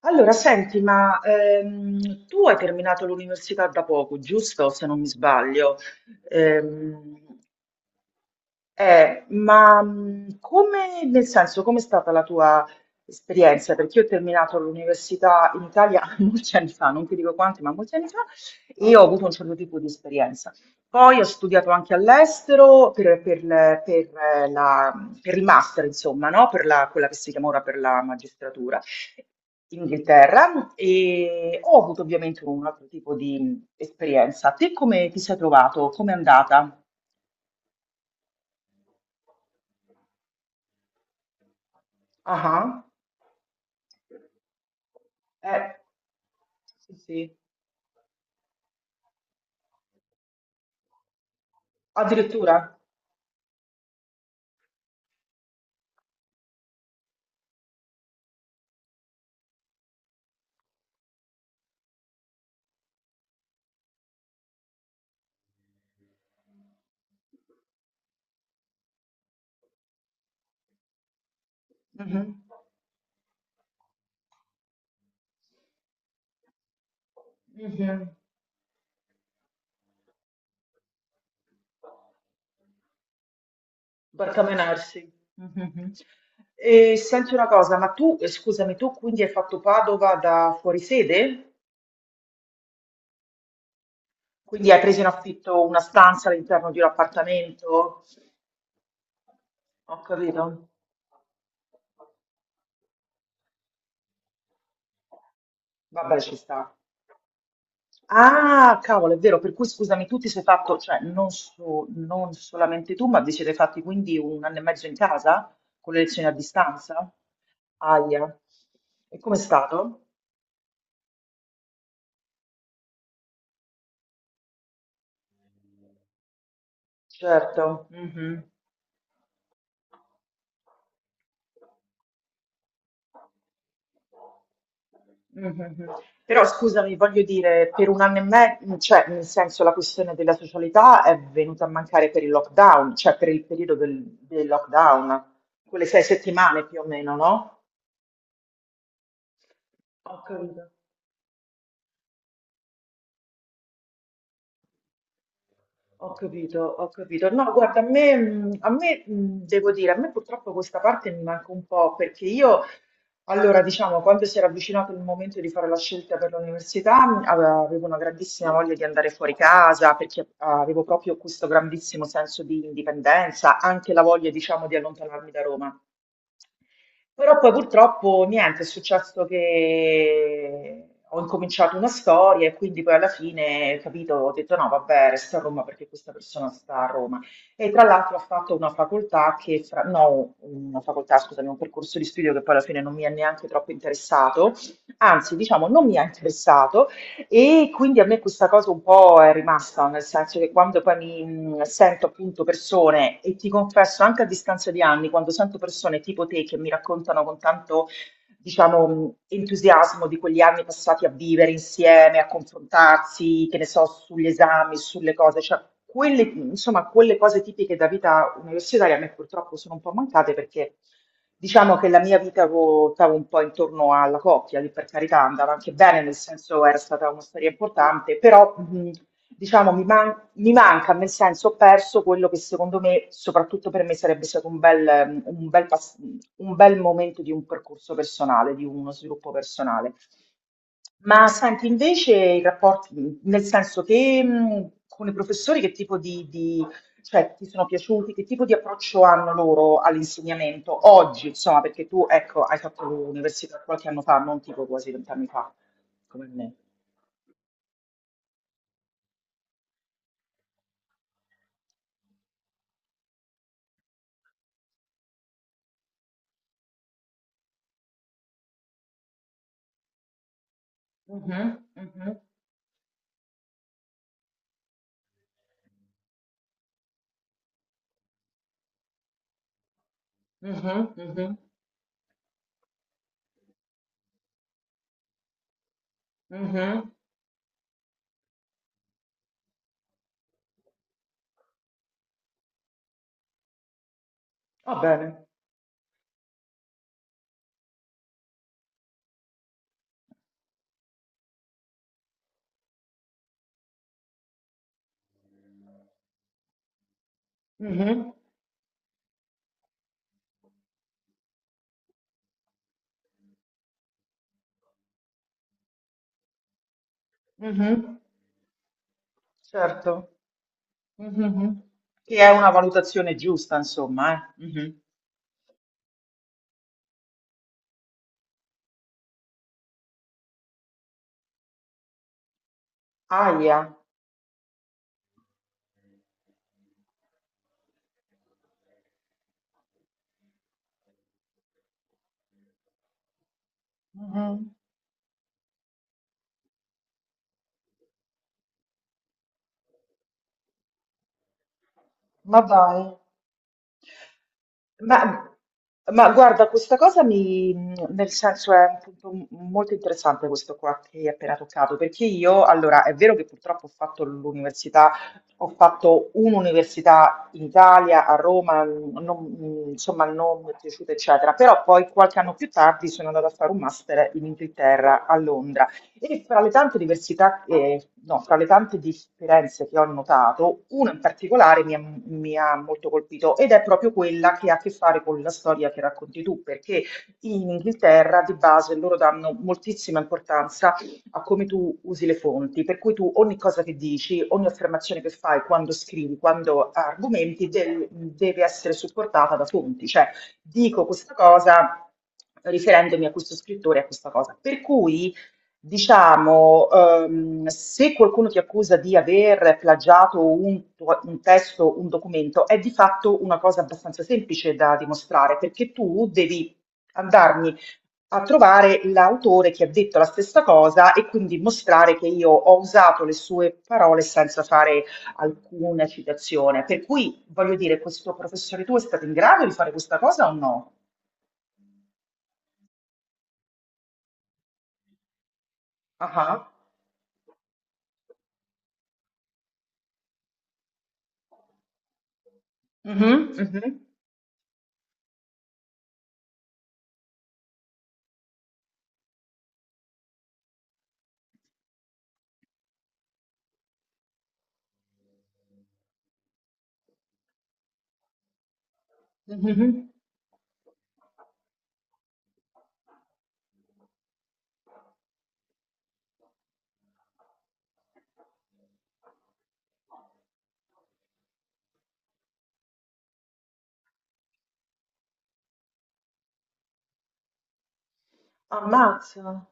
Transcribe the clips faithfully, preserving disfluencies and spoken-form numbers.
Allora, senti, ma ehm, tu hai terminato l'università da poco, giusto? Se non mi sbaglio. Ehm, eh, ma mh, come, nel senso, com'è stata la tua esperienza? Perché io ho terminato l'università in Italia molti anni fa, non ti dico quanti, ma molti anni fa, e ho avuto un certo tipo di esperienza. Poi ho studiato anche all'estero per, per le- per, eh, la- per il master, insomma, no? Per la- quella che si chiama ora per la magistratura in Inghilterra e ho avuto ovviamente un altro tipo di mh, esperienza. Te come ti sei trovato? Come è andata? Ah. Eh, sì, sì. Addirittura? Mhm. Mhm. Barcamenarsi. Mhm. E senti una cosa, ma tu, eh, scusami, tu quindi hai fatto Padova da fuorisede? Quindi hai preso in affitto una stanza all'interno di un appartamento? Ho capito. Vabbè, ci sta. Ah, cavolo, è vero, per cui scusami, tu ti sei fatto, cioè non, so- non solamente tu, ma vi siete fatti quindi un anno e mezzo in casa con le lezioni a distanza? Aia, e com'è stato? Certo, mhm, mhm. Però scusami, voglio dire, per un anno e mezzo, cioè nel senso la questione della socialità è venuta a mancare per il lockdown, cioè per il periodo del, del lockdown, quelle sei settimane più o meno, no? Ho capito. Ho capito, ho capito. No, guarda, a me, mh, a me, mh, devo dire, a me purtroppo questa parte mi manca un po' perché io, allora, diciamo, quando si era avvicinato il momento di fare la scelta per l'università, mh, ave- avevo una grandissima voglia di andare fuori casa perché ah, avevo proprio questo grandissimo senso di indipendenza, anche la voglia, diciamo, di allontanarmi da Roma. Però poi purtroppo niente, è successo che ho incominciato una storia e quindi poi alla fine, capito, ho detto no, vabbè, resta a Roma perché questa persona sta a Roma. E tra l'altro ha fatto una facoltà che, fra- no, una facoltà, scusami, un percorso di studio che poi alla fine non mi è neanche troppo interessato, anzi, diciamo, non mi ha interessato, e quindi a me questa cosa un po' è rimasta, nel senso che quando poi mi mh, sento appunto persone, e ti confesso anche a distanza di anni, quando sento persone tipo te che mi raccontano con tanto diciamo, mh, entusiasmo di quegli anni passati a vivere insieme, a confrontarsi, che ne so, sugli esami, sulle cose, cioè quelle, insomma, quelle cose tipiche da vita universitaria a me purtroppo sono un po' mancate perché diciamo che la mia vita ruotava un po' intorno alla coppia, lì per carità andava anche bene, nel senso era stata una storia importante, però mh, diciamo mi manca mi manca, nel senso, ho perso quello che secondo me, soprattutto per me, sarebbe stato un bel, ehm, un bel pass- un bel momento di un percorso personale, di uno sviluppo personale. Ma senti, invece i rapporti, mm, nel senso che mh, con i professori che tipo di, di- cioè, ti sono piaciuti, che tipo di approccio hanno loro all'insegnamento oggi, insomma, perché tu, ecco, hai fatto l'università qualche anno fa, non tipo quasi vent'anni fa, come me. Mhm, mhm, mhm, mhm, mhm. Va bene. Mh-mh. Mh-mh. Certo. Mh-mh-mh. Che è una valutazione giusta insomma, eh. Mh-mh. Ahia. Mh-mh. Ma dai. Ma ma guarda, questa cosa mi mhmm, nel senso è un punto m molto interessante questo qua che hai appena toccato, perché io allora è vero che purtroppo ho fatto l'università ho fatto un'università in Italia, a Roma, mhmm, non mhmm, insomma non mi è piaciuta eccetera, però poi qualche anno più tardi sono andata a fare un master in Inghilterra, a Londra. E fra le tante diversità, eh, no, fra le tante differenze che ho notato, una in particolare mi ha, mi ha molto colpito ed è proprio quella che ha a che fare con la storia che racconti tu, perché in Inghilterra di base loro danno moltissima importanza a come tu usi le fonti, per cui tu ogni cosa che dici, ogni affermazione che fai quando scrivi, quando argomenti, del- deve essere supportata da fonti, cioè dico questa cosa riferendomi a questo scrittore, e a questa cosa. Per cui diciamo, ehm, se qualcuno ti accusa di aver plagiato un, tuo- un testo, un documento, è di fatto una cosa abbastanza semplice da dimostrare, perché tu devi andarmi a trovare l'autore che ha detto la stessa cosa e quindi mostrare che io ho usato le sue parole senza fare alcuna citazione. Per cui, voglio dire, questo professore tuo è stato in grado di fare questa cosa o no? Ah, ah. Mhm, mhm, mhm. Ammazza.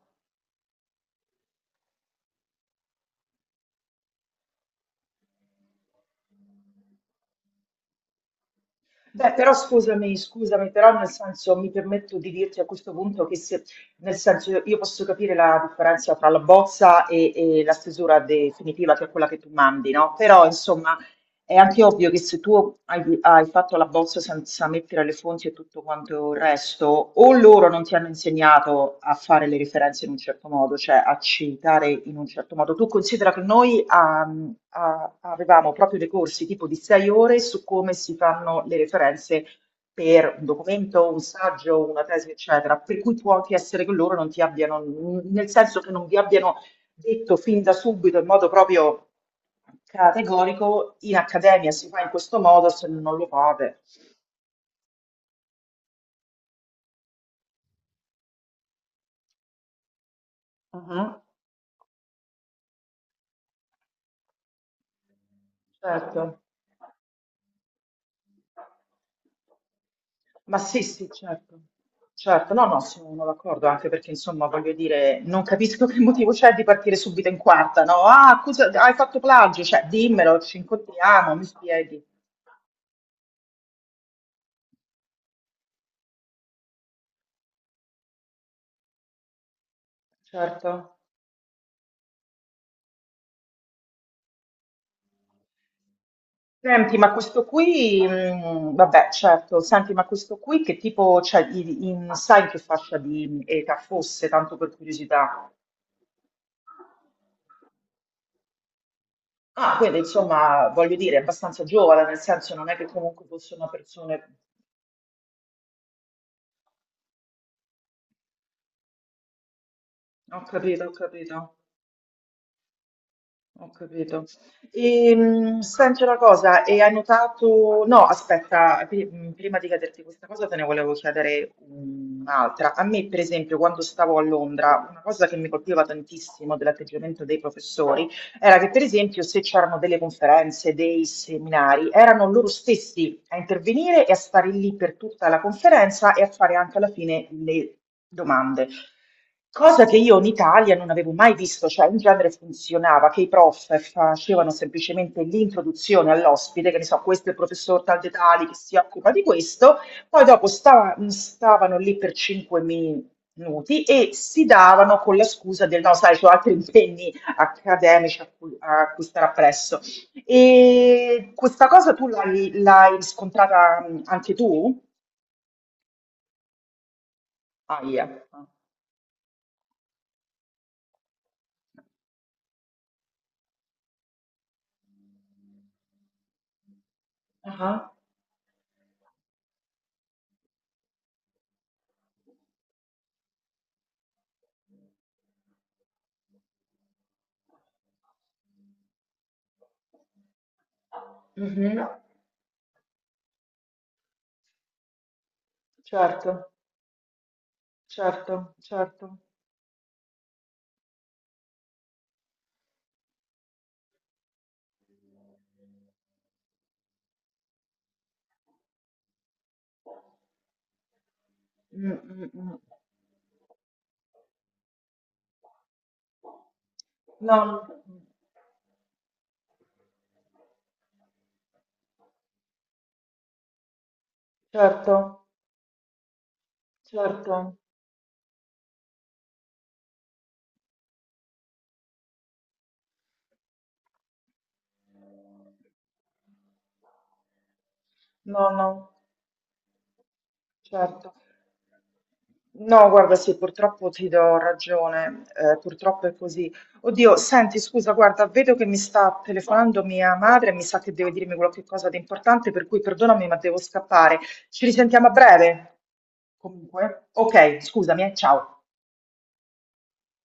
Beh, però scusami, scusami, però nel senso mi permetto di dirti a questo punto che se, nel senso io io posso capire la differenza tra la bozza e, e la stesura definitiva, che è quella che tu mandi, no? Però insomma è anche ovvio che se tu hai, hai fatto la bozza senza mettere le fonti e tutto quanto il resto, o loro non ti hanno insegnato a fare le referenze in un certo modo, cioè a citare in un certo modo. Tu considera che noi ehm, a- avevamo proprio dei corsi tipo di sei ore su come si fanno le referenze per un documento, un saggio, una tesi, eccetera, per cui può anche essere che loro non ti abbiano, nel senso che non vi abbiano detto fin da subito in modo proprio categorico, in accademia si fa in questo modo se non lo fate. Mhm, certo, ma sì, sì, certo. Certo, no, no, sono d'accordo, anche perché insomma voglio dire, non capisco che motivo c'è di partire subito in quarta, no? Ah, scusa, hai fatto plagio, cioè dimmelo, ci incontriamo, mi spieghi. Certo. Senti, ma questo qui, mm, vabbè, certo, senti, ma questo qui che tipo, cioè, i- in- sai in che fascia di età fosse, tanto per curiosità? Ah, quindi insomma, voglio dire, è abbastanza giovane, nel senso non è che comunque fosse una persona... Ho capito, ho capito. Ho capito. Ehm, senti una cosa, e hai notato... No, aspetta, pri- mh, prima di chiederti questa cosa te ne volevo chiedere un'altra. A me, per esempio, quando stavo a Londra, una cosa che mi colpiva tantissimo dell'atteggiamento dei professori era che, per esempio, se c'erano delle conferenze, dei seminari, erano loro stessi a intervenire e a stare lì per tutta la conferenza e a fare anche alla fine le domande. Cosa che io in Italia non avevo mai visto, cioè in genere funzionava che i prof facevano semplicemente l'introduzione all'ospite, che ne so, questo è il professor tal dei tali che si occupa di questo, poi dopo stava- stavano lì per cinque minuti e si davano con la scusa del no, sai, ho altri impegni accademici a cui, a cui stare appresso. E questa cosa tu l'hai l'hai riscontrata mh, anche tu? Aia. Ah. Ah. Mhm. Certo, certo, certo. Mm, mm, mm. No, certo, certo. No, no, certo. No, guarda, sì, purtroppo ti do ragione, eh, purtroppo è così. Oddio, senti, scusa, guarda, vedo che mi sta telefonando mia madre, mi sa che deve dirmi qualche cosa di importante, per cui perdonami, ma devo scappare. Ci risentiamo a breve. Comunque, ok, scusami, eh, ciao.